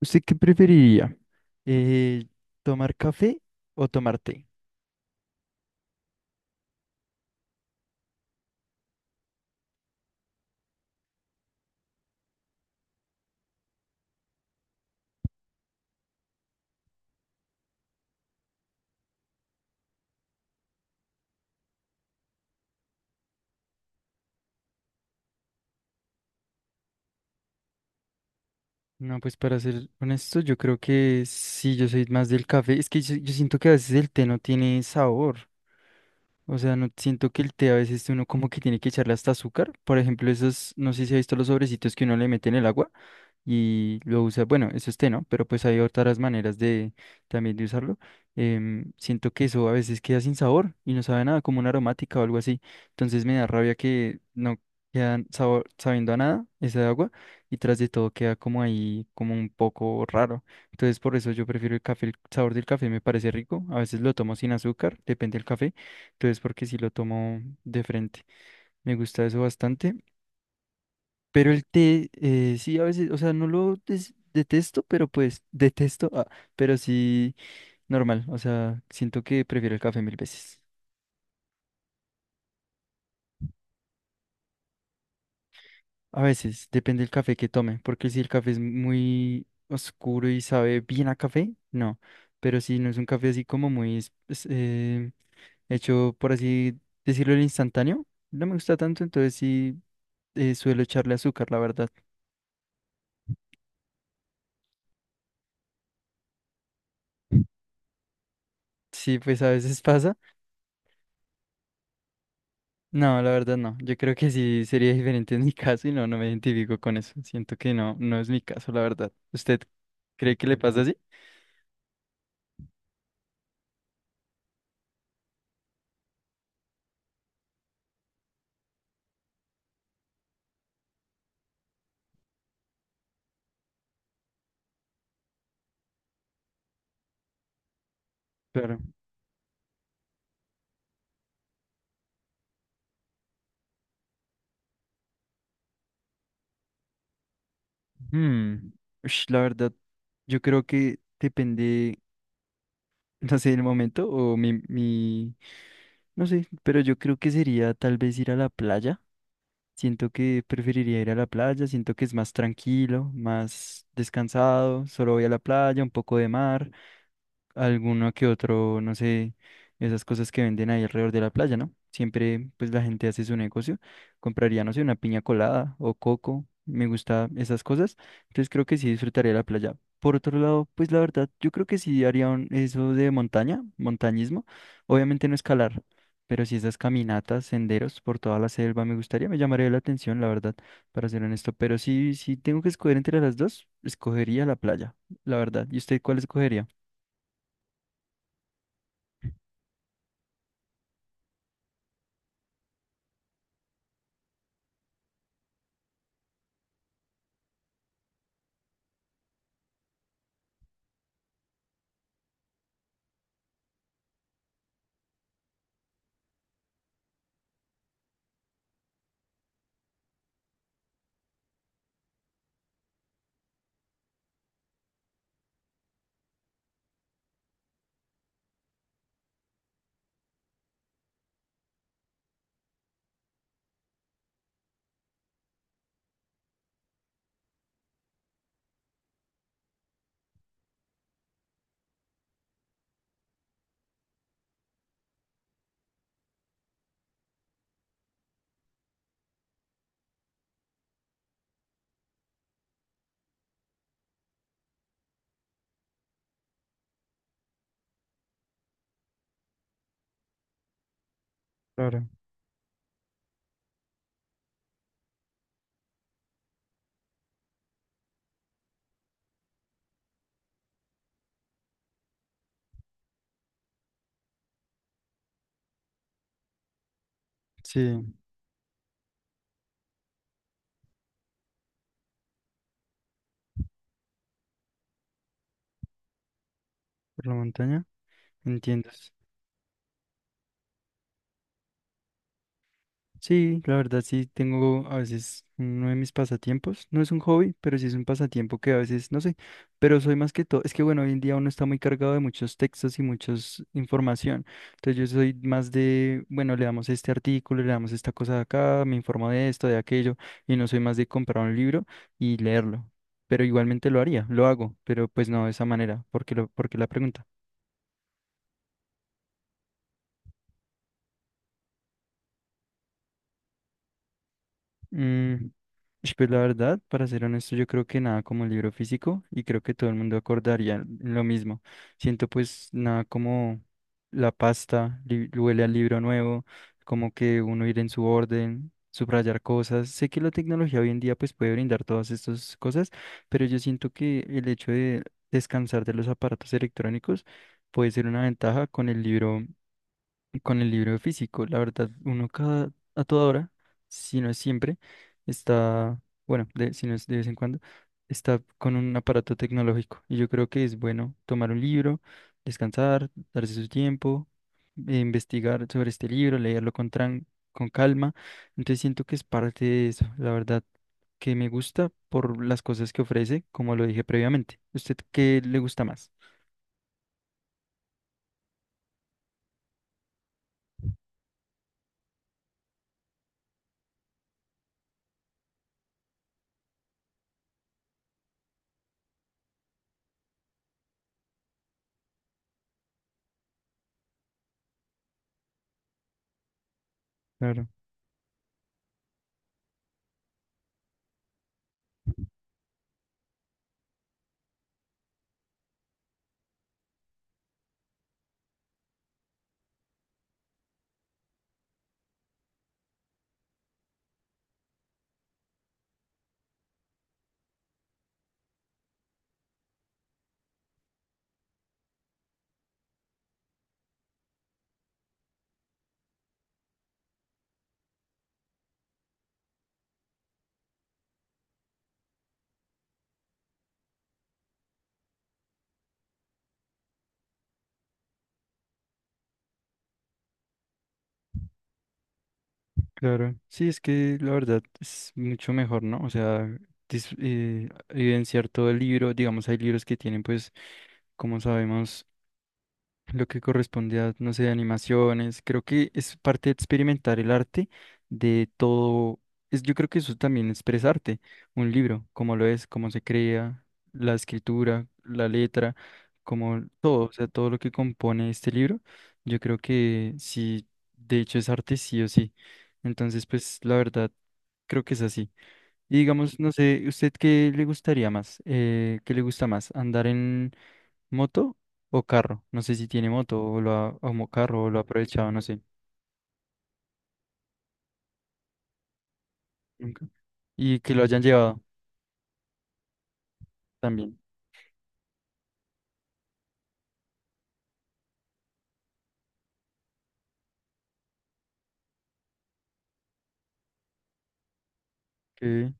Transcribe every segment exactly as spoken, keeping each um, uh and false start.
¿Usted qué preferiría? Eh, ¿tomar café o tomar té? No, pues para ser honesto, yo creo que sí, yo soy más del café. Es que yo, yo siento que a veces el té no tiene sabor. O sea, no siento que el té a veces uno como que tiene que echarle hasta azúcar. Por ejemplo, esos, no sé si ha visto los sobrecitos que uno le mete en el agua y lo usa, bueno, eso es té, ¿no? Pero pues hay otras maneras de también de usarlo. Em, siento que eso a veces queda sin sabor y no sabe a nada, como una aromática o algo así. Entonces me da rabia que no quedan sabor, sabiendo a nada esa agua, y tras de todo queda como ahí, como un poco raro. Entonces por eso yo prefiero el café, el sabor del café me parece rico. A veces lo tomo sin azúcar, depende del café. Entonces porque si lo tomo de frente, me gusta eso bastante. Pero el té, eh, sí, a veces, o sea, no lo des- detesto, pero pues detesto, ah, pero sí, normal, o sea, siento que prefiero el café mil veces. A veces, depende del café que tome, porque si el café es muy oscuro y sabe bien a café, no, pero si no es un café así como muy es- es, eh, hecho, por así decirlo, el instantáneo, no me gusta tanto, entonces sí, eh, suelo echarle azúcar, la verdad. Sí, pues a veces pasa. No, la verdad no. Yo creo que sí sería diferente en mi caso y no, no me identifico con eso. Siento que no, no es mi caso, la verdad. ¿Usted cree que le pasa así? Claro. Hmm, ush, la verdad, yo creo que depende, no sé, el momento o mi, mi, no sé, pero yo creo que sería tal vez ir a la playa. Siento que preferiría ir a la playa, siento que es más tranquilo, más descansado, solo voy a la playa, un poco de mar, alguno que otro, no sé, esas cosas que venden ahí alrededor de la playa, ¿no? Siempre, pues la gente hace su negocio, compraría, no sé, una piña colada o coco, me gusta esas cosas, entonces creo que sí disfrutaría la playa. Por otro lado, pues la verdad, yo creo que sí haría un- eso de montaña, montañismo, obviamente no escalar, pero sí esas caminatas, senderos por toda la selva me gustaría, me llamaría la atención, la verdad, para ser honesto, pero sí, si tengo que escoger entre las dos, escogería la playa, la verdad. ¿Y usted cuál escogería? Sí, por la montaña, ¿entiendes? Sí, la verdad sí tengo a veces uno de mis pasatiempos, no es un hobby, pero sí es un pasatiempo que a veces, no sé, pero soy más que todo, es que bueno, hoy en día uno está muy cargado de muchos textos y mucha información, entonces yo soy más de, bueno, le damos este artículo, le damos esta cosa de acá, me informo de esto, de aquello, y no soy más de comprar un libro y leerlo, pero igualmente lo haría, lo hago, pero pues no de esa manera, porque lo, porque la pregunta. Mm, Ish, Pues la verdad, para ser honesto, yo creo que nada como el libro físico y creo que todo el mundo acordaría en lo mismo. Siento pues nada como la pasta, li- huele al libro nuevo, como que uno ir en su orden, subrayar cosas. Sé que la tecnología hoy en día pues puede brindar todas estas cosas, pero yo siento que el hecho de descansar de los aparatos electrónicos puede ser una ventaja con el libro, con el libro físico. La verdad, uno cada, a toda hora, si no es siempre, está, bueno, de- si no es de vez en cuando, está con un aparato tecnológico. Y yo creo que es bueno tomar un libro, descansar, darse su tiempo, eh, investigar sobre este libro, leerlo con, tran- con calma. Entonces siento que es parte de eso, la verdad, que me gusta por las cosas que ofrece, como lo dije previamente. ¿Usted qué le gusta más? Claro. Claro, sí, es que la verdad es mucho mejor, ¿no? O sea, dis- eh, evidenciar todo el libro, digamos, hay libros que tienen, pues, como sabemos, lo que corresponde a, no sé, animaciones. Creo que es parte de experimentar el arte de todo. Es, yo creo que eso también es arte, un libro, cómo lo es, cómo se crea, la escritura, la letra, como todo, o sea, todo lo que compone este libro, yo creo que sí, de hecho es arte sí o sí. Entonces, pues la verdad, creo que es así. Y digamos, no sé, ¿usted qué le gustaría más? Eh, ¿qué le gusta más? ¿Andar en moto o carro? No sé si tiene moto o lo ha, o mo- carro o lo ha aprovechado, no sé. Nunca. Y que lo hayan llevado también. Que,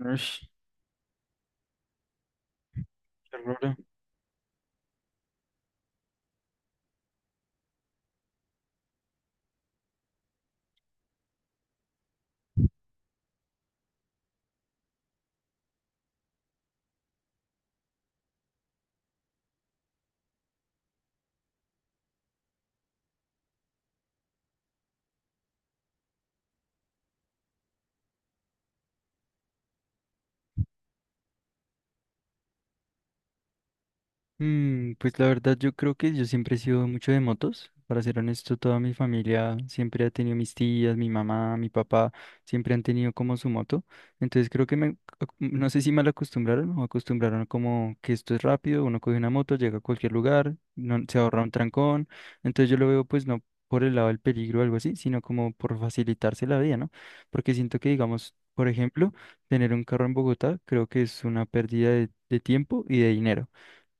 ush, qué raro. Mm, pues la verdad yo creo que yo siempre he sido mucho de motos. Para ser honesto, toda mi familia siempre ha tenido mis tías, mi mamá, mi papá, siempre han tenido como su moto. Entonces creo que me, ac- no sé si mal acostumbraron o acostumbraron como que esto es rápido, uno coge una moto, llega a cualquier lugar, no, se ahorra un trancón. Entonces yo lo veo pues no por el lado del peligro o algo así, sino como por facilitarse la vida, ¿no? Porque siento que digamos, por ejemplo, tener un carro en Bogotá creo que es una pérdida de de tiempo y de dinero.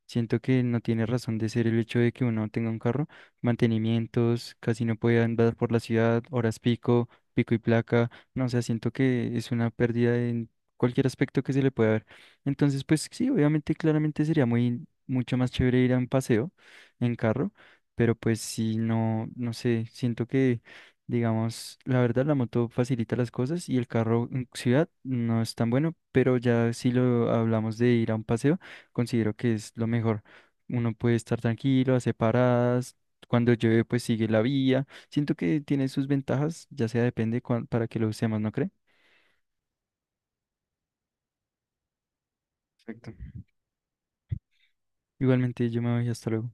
Siento que no tiene razón de ser el hecho de que uno tenga un carro, mantenimientos, casi no puede andar por la ciudad, horas pico, pico y placa, no, o sea, siento que es una pérdida en cualquier aspecto que se le pueda ver. Entonces, pues sí, obviamente, claramente sería muy, mucho más chévere ir a un paseo en carro, pero pues sí, no, no sé, siento que, digamos, la verdad, la moto facilita las cosas y el carro en ciudad no es tan bueno, pero ya si lo hablamos de ir a un paseo considero que es lo mejor. Uno puede estar tranquilo, hace paradas, cuando llueve pues sigue la vía. Siento que tiene sus ventajas, ya sea depende cuán- para que lo usemos, ¿no cree? Perfecto. Igualmente yo me voy, hasta luego.